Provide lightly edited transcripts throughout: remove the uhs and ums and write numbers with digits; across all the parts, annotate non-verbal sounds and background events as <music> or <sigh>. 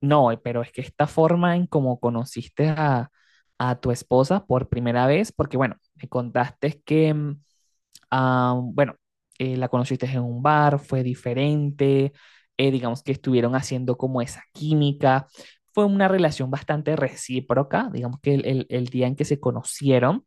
No, pero es que esta forma en cómo conociste a tu esposa por primera vez, porque bueno, me contaste que, ah, bueno, la conociste en un bar, fue diferente, digamos que estuvieron haciendo como esa química, fue una relación bastante recíproca, digamos que el día en que se conocieron,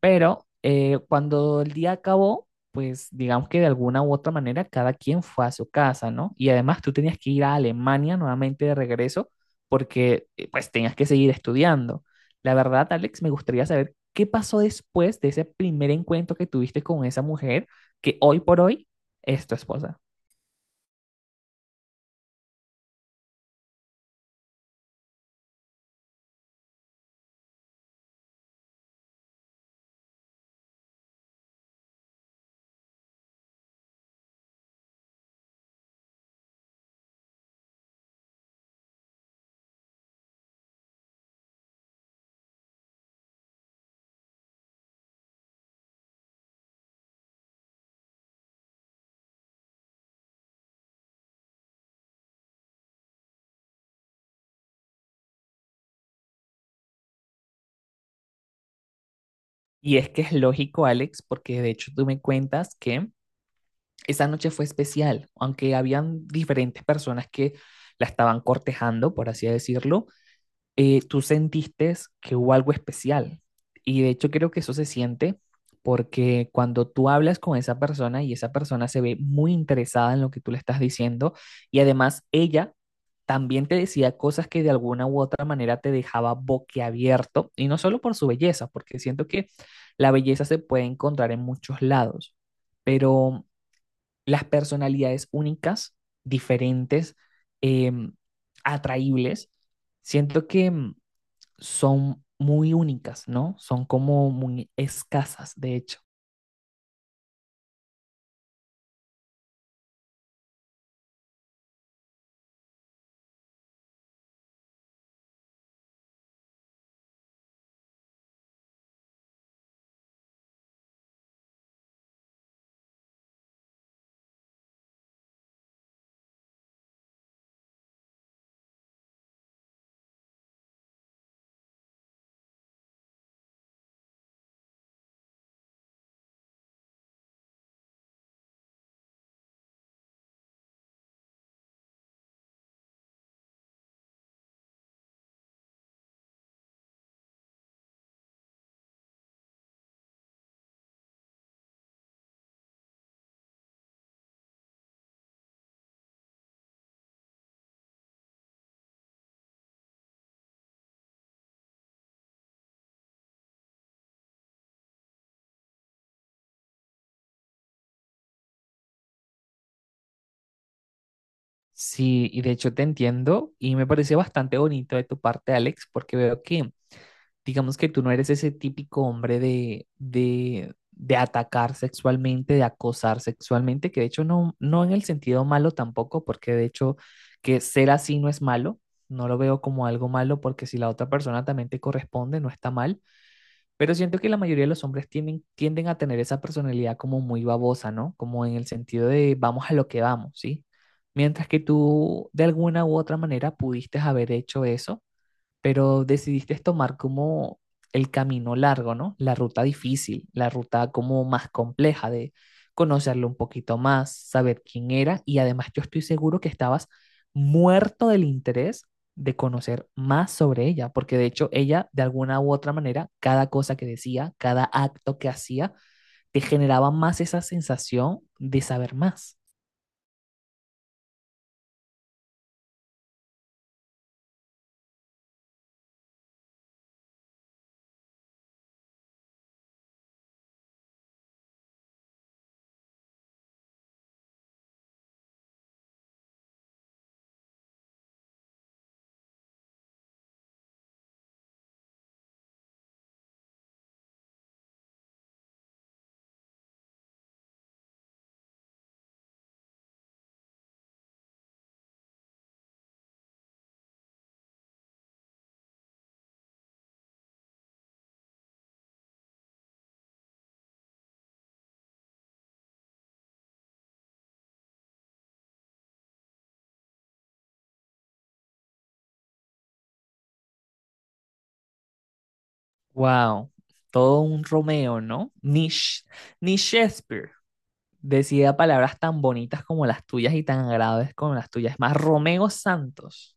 pero cuando el día acabó, pues digamos que de alguna u otra manera cada quien fue a su casa, ¿no? Y además tú tenías que ir a Alemania nuevamente de regreso porque pues tenías que seguir estudiando. La verdad, Alex, me gustaría saber qué pasó después de ese primer encuentro que tuviste con esa mujer que hoy por hoy es tu esposa. Y es que es lógico, Alex, porque de hecho tú me cuentas que esa noche fue especial, aunque habían diferentes personas que la estaban cortejando, por así decirlo. Tú sentiste que hubo algo especial. Y de hecho creo que eso se siente porque cuando tú hablas con esa persona y esa persona se ve muy interesada en lo que tú le estás diciendo y además ella también te decía cosas que de alguna u otra manera te dejaba boquiabierto, y no solo por su belleza, porque siento que la belleza se puede encontrar en muchos lados, pero las personalidades únicas, diferentes, em, atraíbles, siento que son muy únicas, ¿no? Son como muy escasas, de hecho. Sí, y de hecho te entiendo y me pareció bastante bonito de tu parte, Alex, porque veo que, digamos que tú no eres ese típico hombre de atacar sexualmente, de acosar sexualmente, que de hecho no, no en el sentido malo tampoco, porque de hecho que ser así no es malo, no lo veo como algo malo, porque si la otra persona también te corresponde, no está mal, pero siento que la mayoría de los hombres tienden a tener esa personalidad como muy babosa, ¿no? Como en el sentido de vamos a lo que vamos, ¿sí? Mientras que tú de alguna u otra manera pudiste haber hecho eso, pero decidiste tomar como el camino largo, ¿no? La ruta difícil, la ruta como más compleja de conocerlo un poquito más, saber quién era, y además yo estoy seguro que estabas muerto del interés de conocer más sobre ella, porque de hecho ella de alguna u otra manera, cada cosa que decía, cada acto que hacía, te generaba más esa sensación de saber más. Wow, todo un Romeo, ¿no? Ni Shakespeare. Decía palabras tan bonitas como las tuyas y tan graves como las tuyas. Es más, Romeo Santos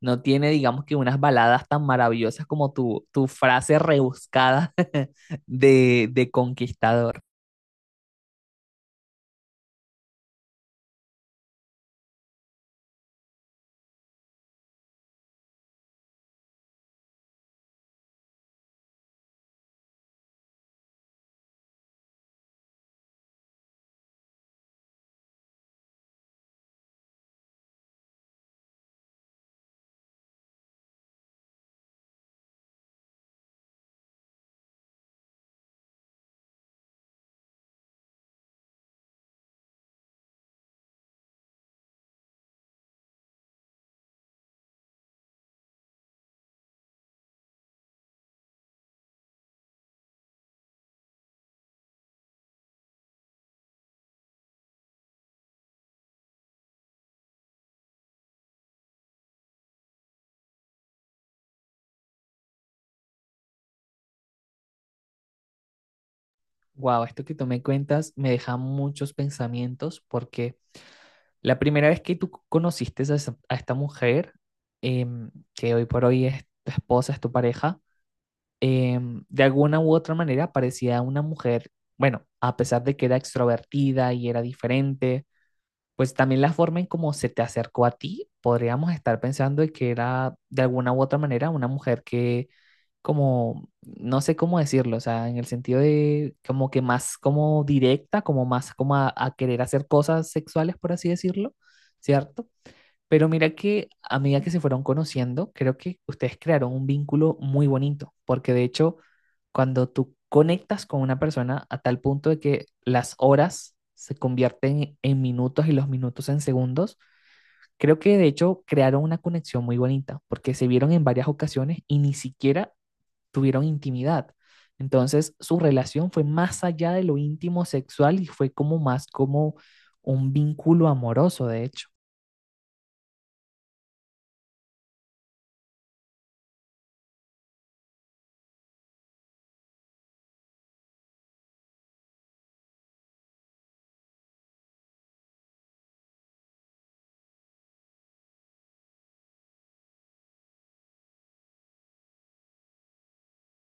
no tiene, digamos que, unas baladas tan maravillosas como tu frase rebuscada <laughs> de conquistador. Wow, esto que tú me cuentas me deja muchos pensamientos porque la primera vez que tú conociste a esta mujer, que hoy por hoy es tu esposa, es tu pareja, de alguna u otra manera parecía una mujer, bueno, a pesar de que era extrovertida y era diferente, pues también la forma en cómo se te acercó a ti, podríamos estar pensando de que era de alguna u otra manera una mujer que como, no sé cómo decirlo, o sea, en el sentido de como que más como directa, como más como a querer hacer cosas sexuales, por así decirlo, ¿cierto? Pero mira que a medida que se fueron conociendo, creo que ustedes crearon un vínculo muy bonito, porque de hecho, cuando tú conectas con una persona a tal punto de que las horas se convierten en minutos y los minutos en segundos, creo que de hecho crearon una conexión muy bonita, porque se vieron en varias ocasiones y ni siquiera tuvieron intimidad. Entonces, su relación fue más allá de lo íntimo sexual y fue como más como un vínculo amoroso, de hecho.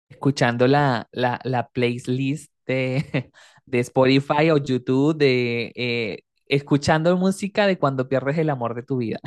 Escuchando la playlist <laughs> de Spotify o YouTube, de escuchando música de cuando pierdes el amor de tu vida.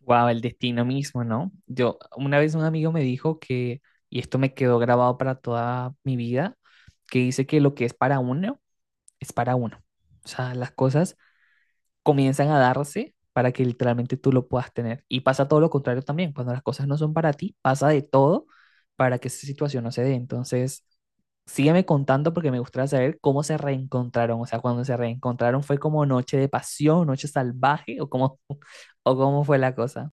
Wow, el destino mismo, ¿no? Yo, una vez un amigo me dijo que, y esto me quedó grabado para toda mi vida, que dice que lo que es para uno, es para uno. O sea, las cosas comienzan a darse para que literalmente tú lo puedas tener. Y pasa todo lo contrario también, cuando las cosas no son para ti, pasa de todo para que esa situación no se dé. Entonces, sígueme contando porque me gustaría saber cómo se reencontraron, o sea, cuando se reencontraron fue como noche de pasión, noche salvaje o cómo, <laughs> o cómo fue la cosa.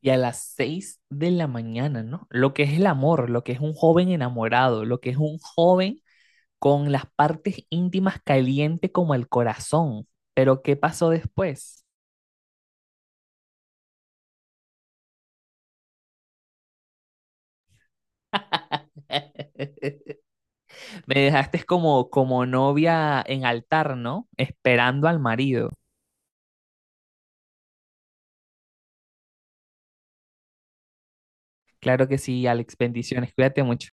¿Y a las 6 de la mañana, no? Lo que es el amor, lo que es un joven enamorado, lo que es un joven con las partes íntimas caliente como el corazón. Pero ¿qué pasó después? <laughs> Me dejaste como, como novia en altar, ¿no? Esperando al marido. Claro que sí, Alex, bendiciones, cuídate mucho.